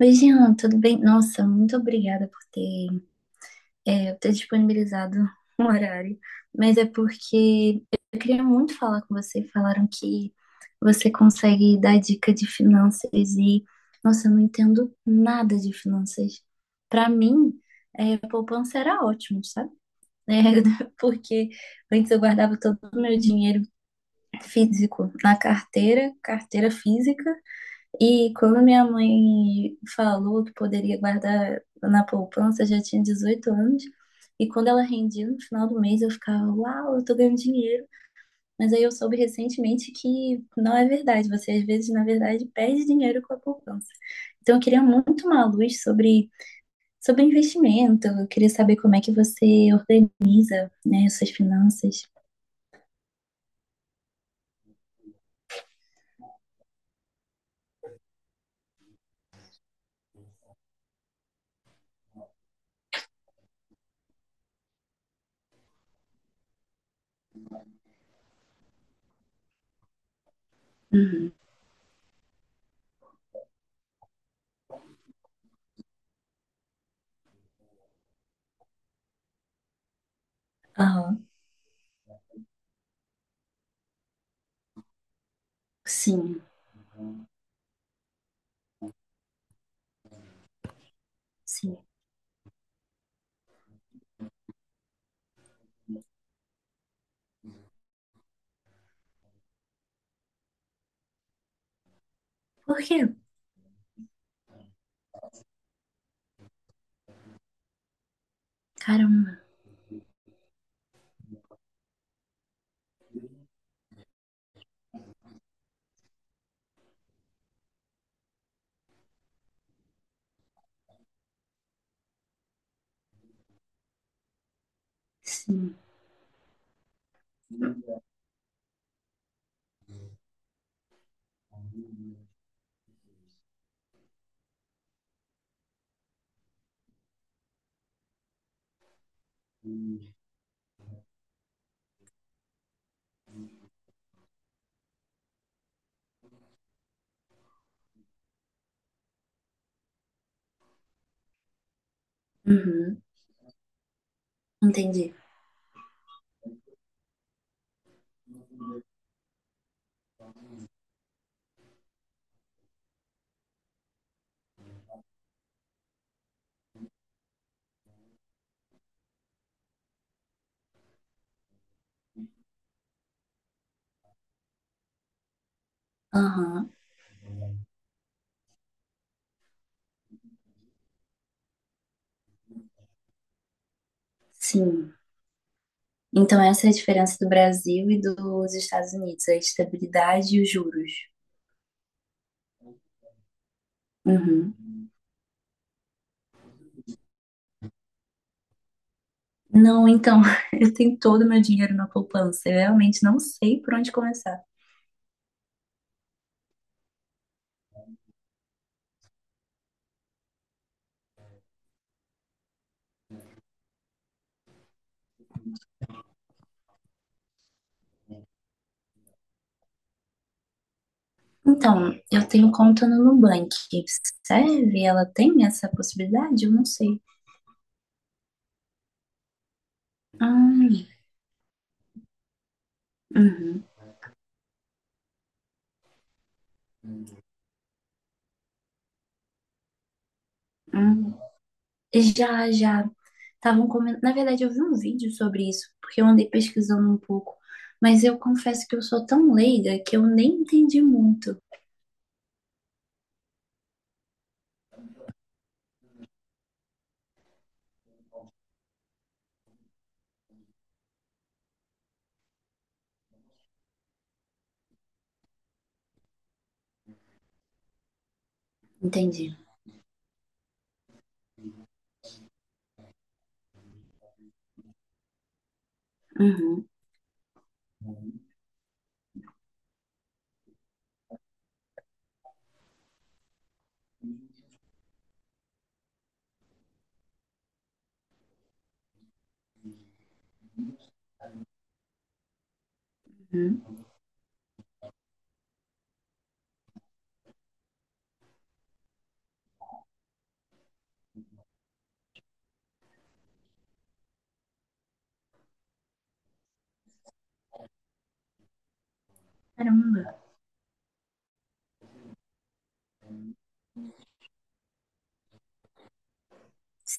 Oi, Jean, tudo bem? Nossa, muito obrigada por ter disponibilizado um horário. Mas é porque eu queria muito falar com você. Falaram que você consegue dar dica de finanças e, nossa, eu não entendo nada de finanças. Para mim, poupança era ótimo, sabe? É, porque antes eu guardava todo o meu dinheiro físico na carteira, carteira física. E quando minha mãe falou que poderia guardar na poupança, eu já tinha 18 anos. E quando ela rendia no final do mês, eu ficava, uau, eu tô ganhando dinheiro. Mas aí eu soube recentemente que não é verdade. Você às vezes, na verdade, perde dinheiro com a poupança. Então eu queria muito uma luz sobre investimento. Eu queria saber como é que você organiza, né, suas finanças. Aham, sim, sim. Por quê? Caramba, sim. Uhum, entendi. Aham. Sim. Então, essa é a diferença do Brasil e dos Estados Unidos, a estabilidade e os juros. Uhum. Não, então, eu tenho todo o meu dinheiro na poupança. Eu realmente não sei por onde começar. Então, eu tenho conta no Nubank. Serve? Ela tem essa possibilidade? Eu não sei. Hum, uhum, hum. Já, já. Estavam comentando. Na verdade, eu vi um vídeo sobre isso, porque eu andei pesquisando um pouco. Mas eu confesso que eu sou tão leiga que eu nem entendi muito. Entendi. Uhum, uhum. Caramba,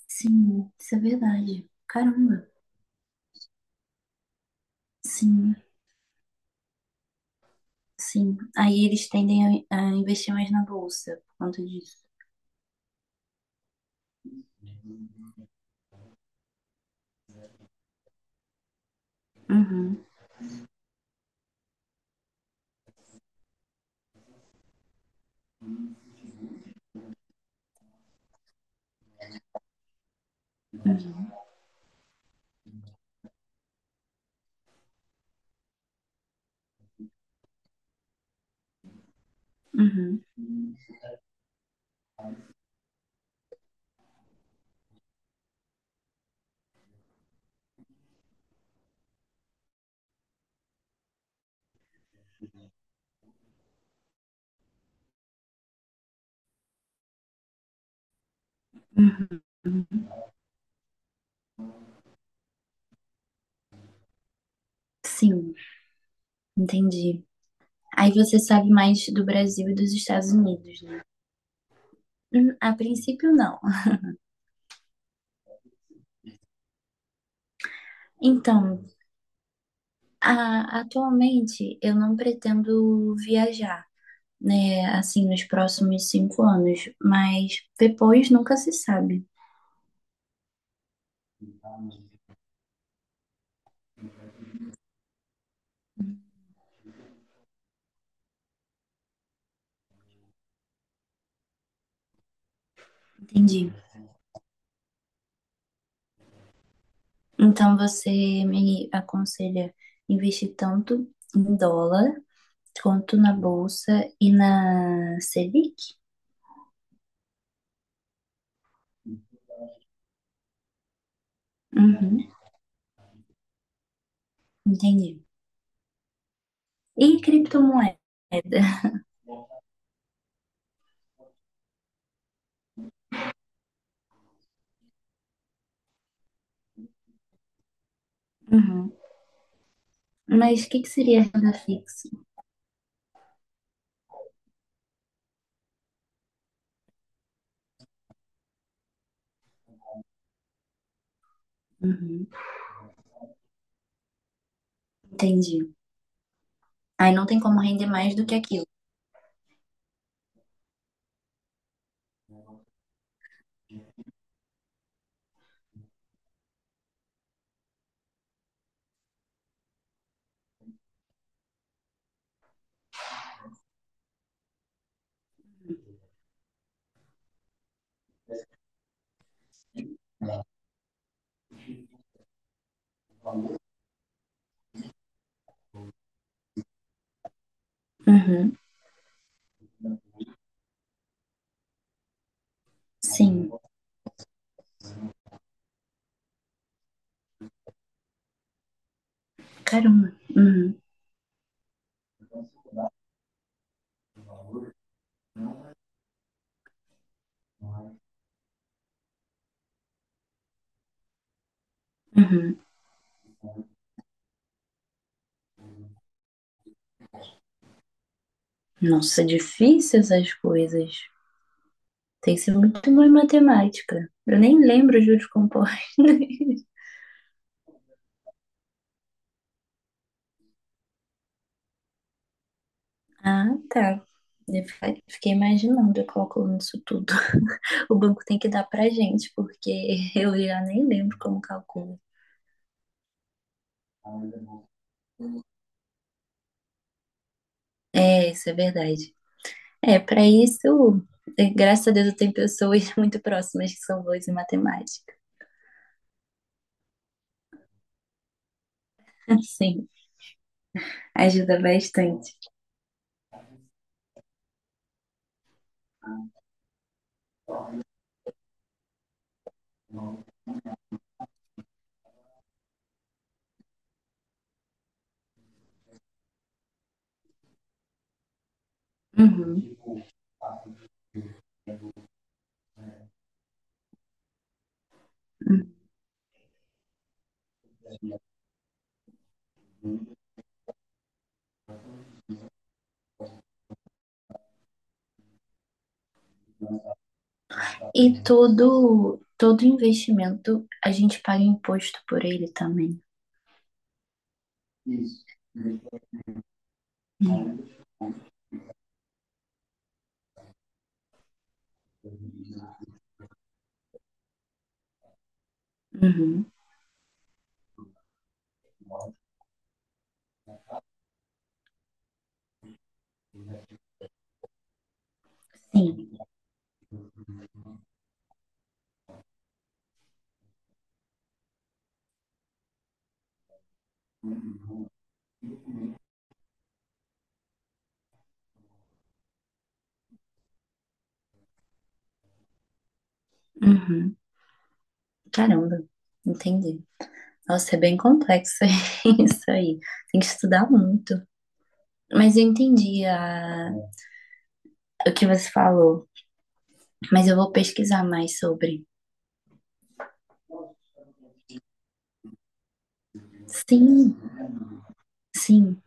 sim, isso é verdade. Caramba, sim, sim. Aí eles tendem a investir mais na bolsa por conta disso. Uhum, uhum, uhum. Sim, entendi. Aí você sabe mais do Brasil e dos Estados Unidos, né? A princípio, não. Então, atualmente eu não pretendo viajar, né? Assim, nos próximos 5 anos, mas depois nunca se sabe. Entendi. Então você me aconselha investir tanto em dólar quanto na bolsa e na Selic? Uhum, entendi. E criptomoeda? Uhum. Mas o que que seria renda fixa? Uhum, entendi. Aí não tem como render mais do que aquilo. Uhum, sim. Caramba. Uhum, uhum. Nossa, difícil essas coisas. Tem que ser muito boa em matemática. Eu nem lembro juros compostos. Ah, tá. Fiquei imaginando eu calculando isso tudo. O banco tem que dar pra gente, porque eu já nem lembro como calculo. É, isso é verdade. É, pra isso, graças a Deus eu tenho pessoas muito próximas que são boas em matemática. Sim, ajuda bastante. Uhum. E todo investimento, a gente paga imposto por ele também. Uhum. Sim. Uhum. Caramba, entendi. Nossa, é bem complexo isso aí. Tem que estudar muito. Mas eu entendi a- o que você falou. Mas eu vou pesquisar mais sobre. Sim, sim.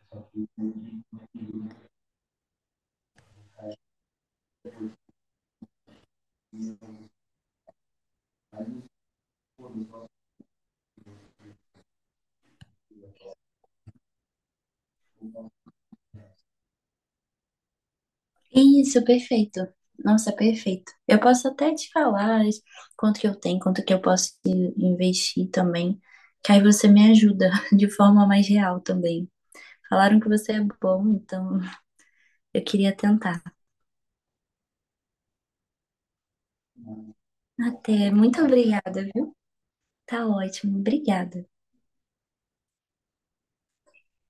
Isso, perfeito. Nossa, perfeito. Eu posso até te falar quanto que eu tenho, quanto que eu posso investir também. Que aí você me ajuda de forma mais real também. Falaram que você é bom, então eu queria tentar. Até. Muito obrigada, viu? Tá ótimo. Obrigada.